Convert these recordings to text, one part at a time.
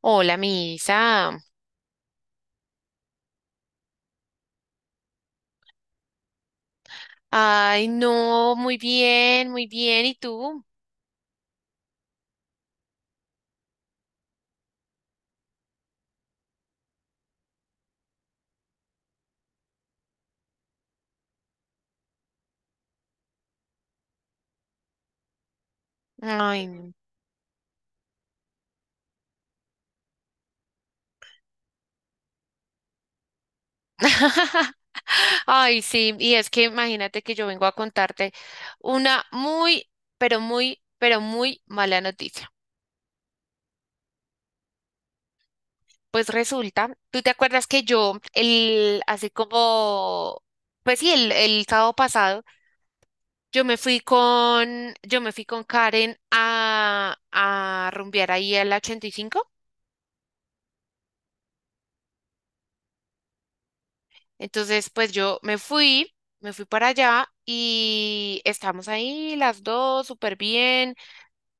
Hola, Misa. Ay, no, muy bien, muy bien. ¿Y tú? Ay, no. Ay, sí. Y es que imagínate que yo vengo a contarte una muy, pero muy, pero muy mala noticia. Pues resulta, ¿tú te acuerdas que yo, así como, pues sí, el sábado pasado, yo me fui con Karen a rumbear ahí al 85? Entonces, pues yo me fui para allá y estamos ahí las dos súper bien,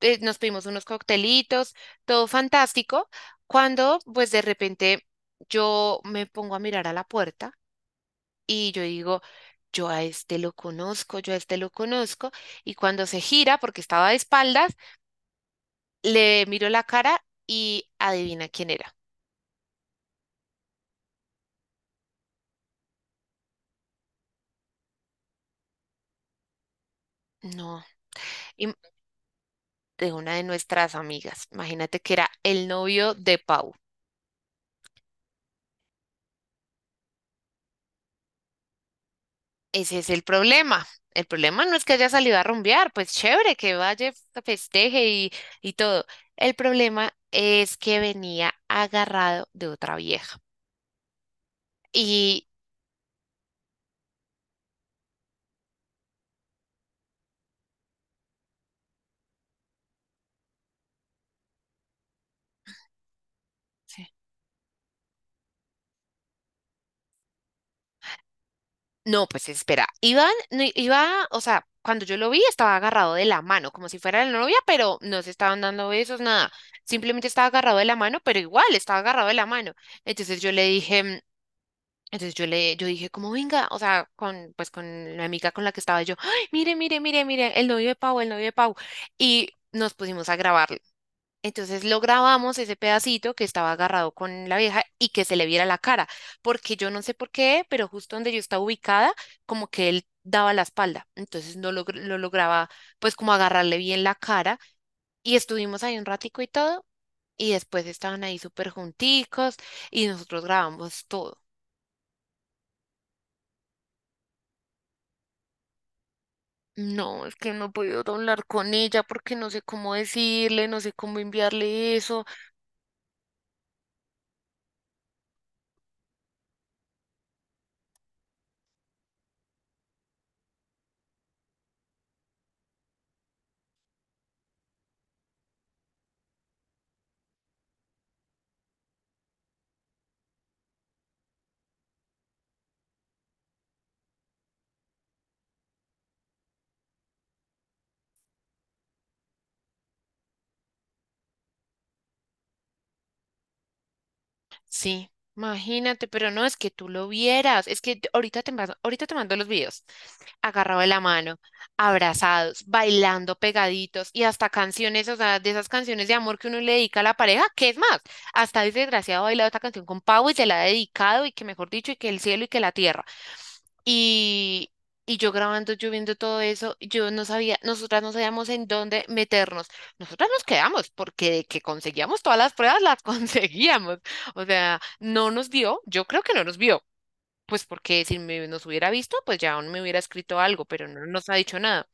nos pedimos unos coctelitos, todo fantástico, cuando pues de repente yo me pongo a mirar a la puerta y yo digo, yo a este lo conozco, y cuando se gira, porque estaba de espaldas, le miro la cara y adivina quién era. No, im- de una de nuestras amigas. Imagínate que era el novio de Pau. Ese es el problema. El problema no es que haya salido a rumbear, pues chévere, que vaya, festeje y todo. El problema es que venía agarrado de otra vieja. Y sí. No, pues espera, Iván, no, iba, o sea, cuando yo lo vi estaba agarrado de la mano, como si fuera la novia, pero no se estaban dando besos, nada. Simplemente estaba agarrado de la mano, pero igual estaba agarrado de la mano. Entonces yo le dije, Entonces yo le, yo dije, como venga, o sea, pues con la amiga con la que estaba yo, "Ay, mire, mire, mire, mire, el novio de Pau, el novio de Pau". Y nos pusimos a grabarlo. Entonces lo grabamos ese pedacito que estaba agarrado con la vieja y que se le viera la cara, porque yo no sé por qué, pero justo donde yo estaba ubicada, como que él daba la espalda. Entonces no lograba, pues como agarrarle bien la cara. Y estuvimos ahí un ratico y todo. Y después estaban ahí súper junticos y nosotros grabamos todo. No, es que no he podido hablar con ella porque no sé cómo decirle, no sé cómo enviarle eso. Sí, imagínate, pero no es que tú lo vieras, es que ahorita te mando los videos. Agarrado de la mano, abrazados, bailando pegaditos y hasta canciones, o sea, de esas canciones de amor que uno le dedica a la pareja, que es más, hasta ese desgraciado ha bailado esta canción con Pau y se la ha dedicado y que mejor dicho, y que el cielo y que la tierra. Y, y yo grabando, yo viendo todo eso, yo no sabía, nosotras no sabíamos en dónde meternos. Nosotras nos quedamos porque de que conseguíamos todas las pruebas, las conseguíamos. O sea, no nos vio, yo creo que no nos vio, pues porque si me- nos hubiera visto, pues ya aún me hubiera escrito algo, pero no nos ha dicho nada.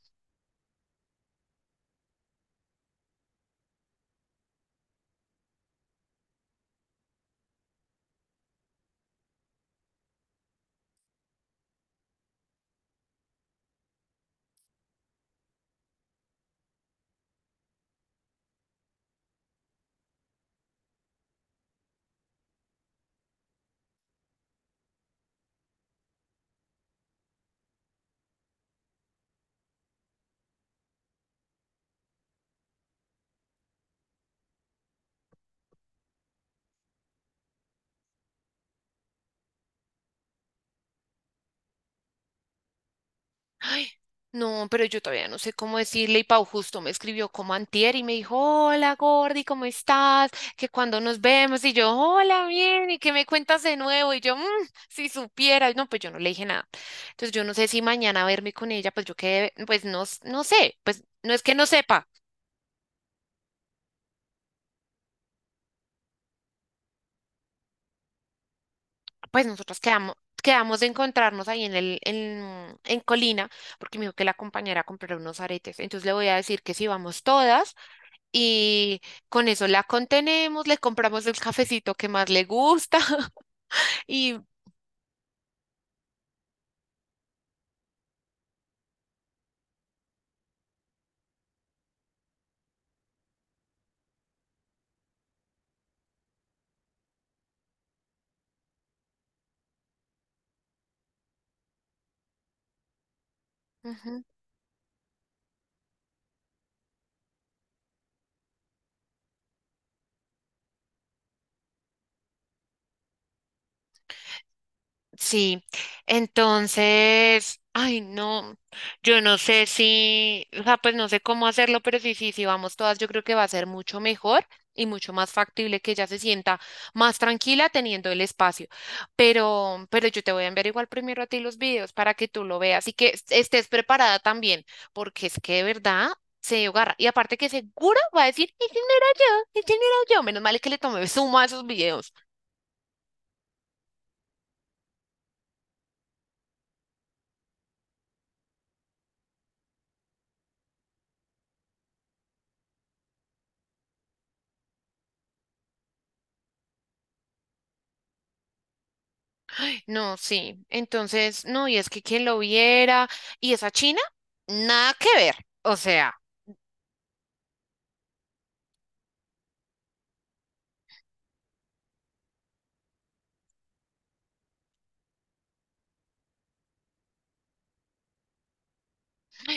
Ay, no, pero yo todavía no sé cómo decirle. Y Pau justo me escribió como antier y me dijo, hola Gordy, ¿cómo estás? Que cuando nos vemos y yo, hola, bien, y que me cuentas de nuevo. Y yo, "Mm, si supieras", no, pues yo no le dije nada. Entonces yo no sé si mañana verme con ella, pues yo quedé, pues no, no sé, pues no es que no sepa, pues nosotros quedamos. Quedamos de encontrarnos ahí en Colina, porque me dijo que la compañera comprará unos aretes. Entonces le voy a decir que si vamos todas, y con eso la contenemos, le compramos el cafecito que más le gusta. Y... ujú. Sí, entonces, ay, no, yo no sé si, o sea, pues no sé cómo hacerlo, pero sí, sí, sí, vamos todas, yo creo que va a ser mucho mejor y mucho más factible que ella se sienta más tranquila teniendo el espacio. Pero yo te voy a enviar igual primero a ti los videos para que tú lo veas y que estés preparada también, porque es que de verdad se agarra. Y aparte que seguro va a decir, ese no era yo, ese no era yo. Menos mal es que le tomé suma a esos videos. No, sí. Entonces, no, y es que quien lo viera, y esa China, nada que ver. O sea,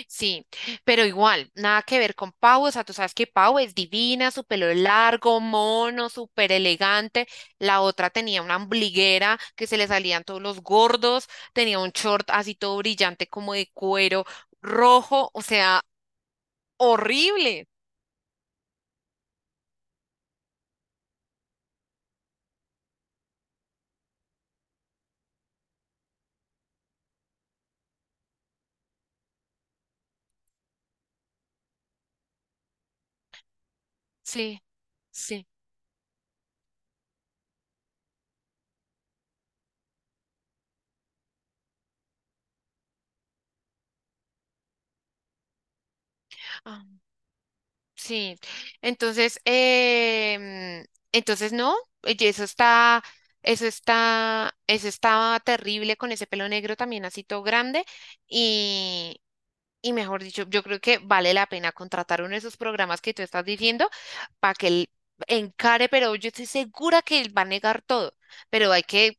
sí, pero igual, nada que ver con Pau. O sea, tú sabes que Pau es divina, su pelo largo, mono, súper elegante. La otra tenía una ombliguera que se le salían todos los gordos, tenía un short así todo brillante como de cuero rojo, o sea, horrible. Sí, sí. Ah, sí, entonces, entonces no, y eso está, eso estaba terrible con ese pelo negro también así todo grande y mejor dicho, yo creo que vale la pena contratar uno de esos programas que tú estás diciendo para que él encare, pero yo estoy segura que él va a negar todo, pero hay que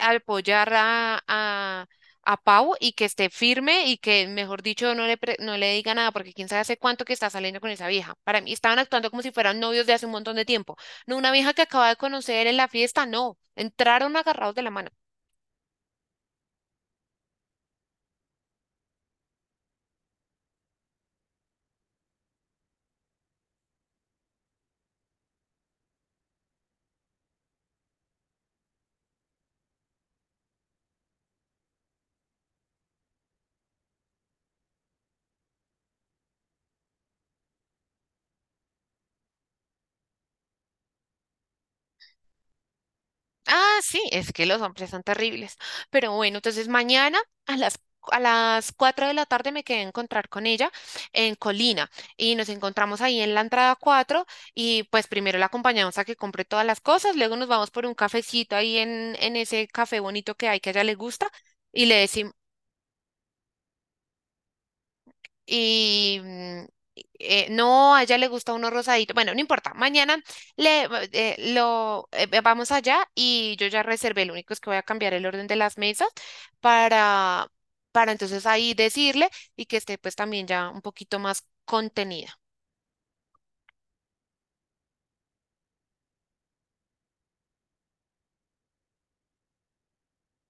apoyar a Pau y que esté firme y que, mejor dicho, no le diga nada, porque quién sabe hace cuánto que está saliendo con esa vieja. Para mí estaban actuando como si fueran novios de hace un montón de tiempo. No una vieja que acaba de conocer en la fiesta, no, entraron agarrados de la mano. Ah, sí, es que los hombres son terribles. Pero bueno, entonces mañana a las, a las 4 de la tarde me quedé a encontrar con ella en Colina y nos encontramos ahí en la entrada 4 y pues primero la acompañamos a que compre todas las cosas, luego nos vamos por un cafecito ahí en ese café bonito que hay que a ella le gusta y le decimos, y mm, no, a ella le gusta uno rosadito. Bueno, no importa. Mañana vamos allá y yo ya reservé. Lo único es que voy a cambiar el orden de las mesas para, para entonces ahí decirle y que esté pues también ya un poquito más contenida.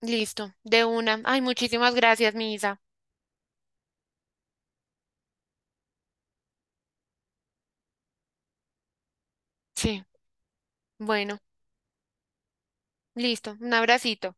Listo, de una. Ay, muchísimas gracias, mi Isa. Sí, bueno, listo. Un abracito.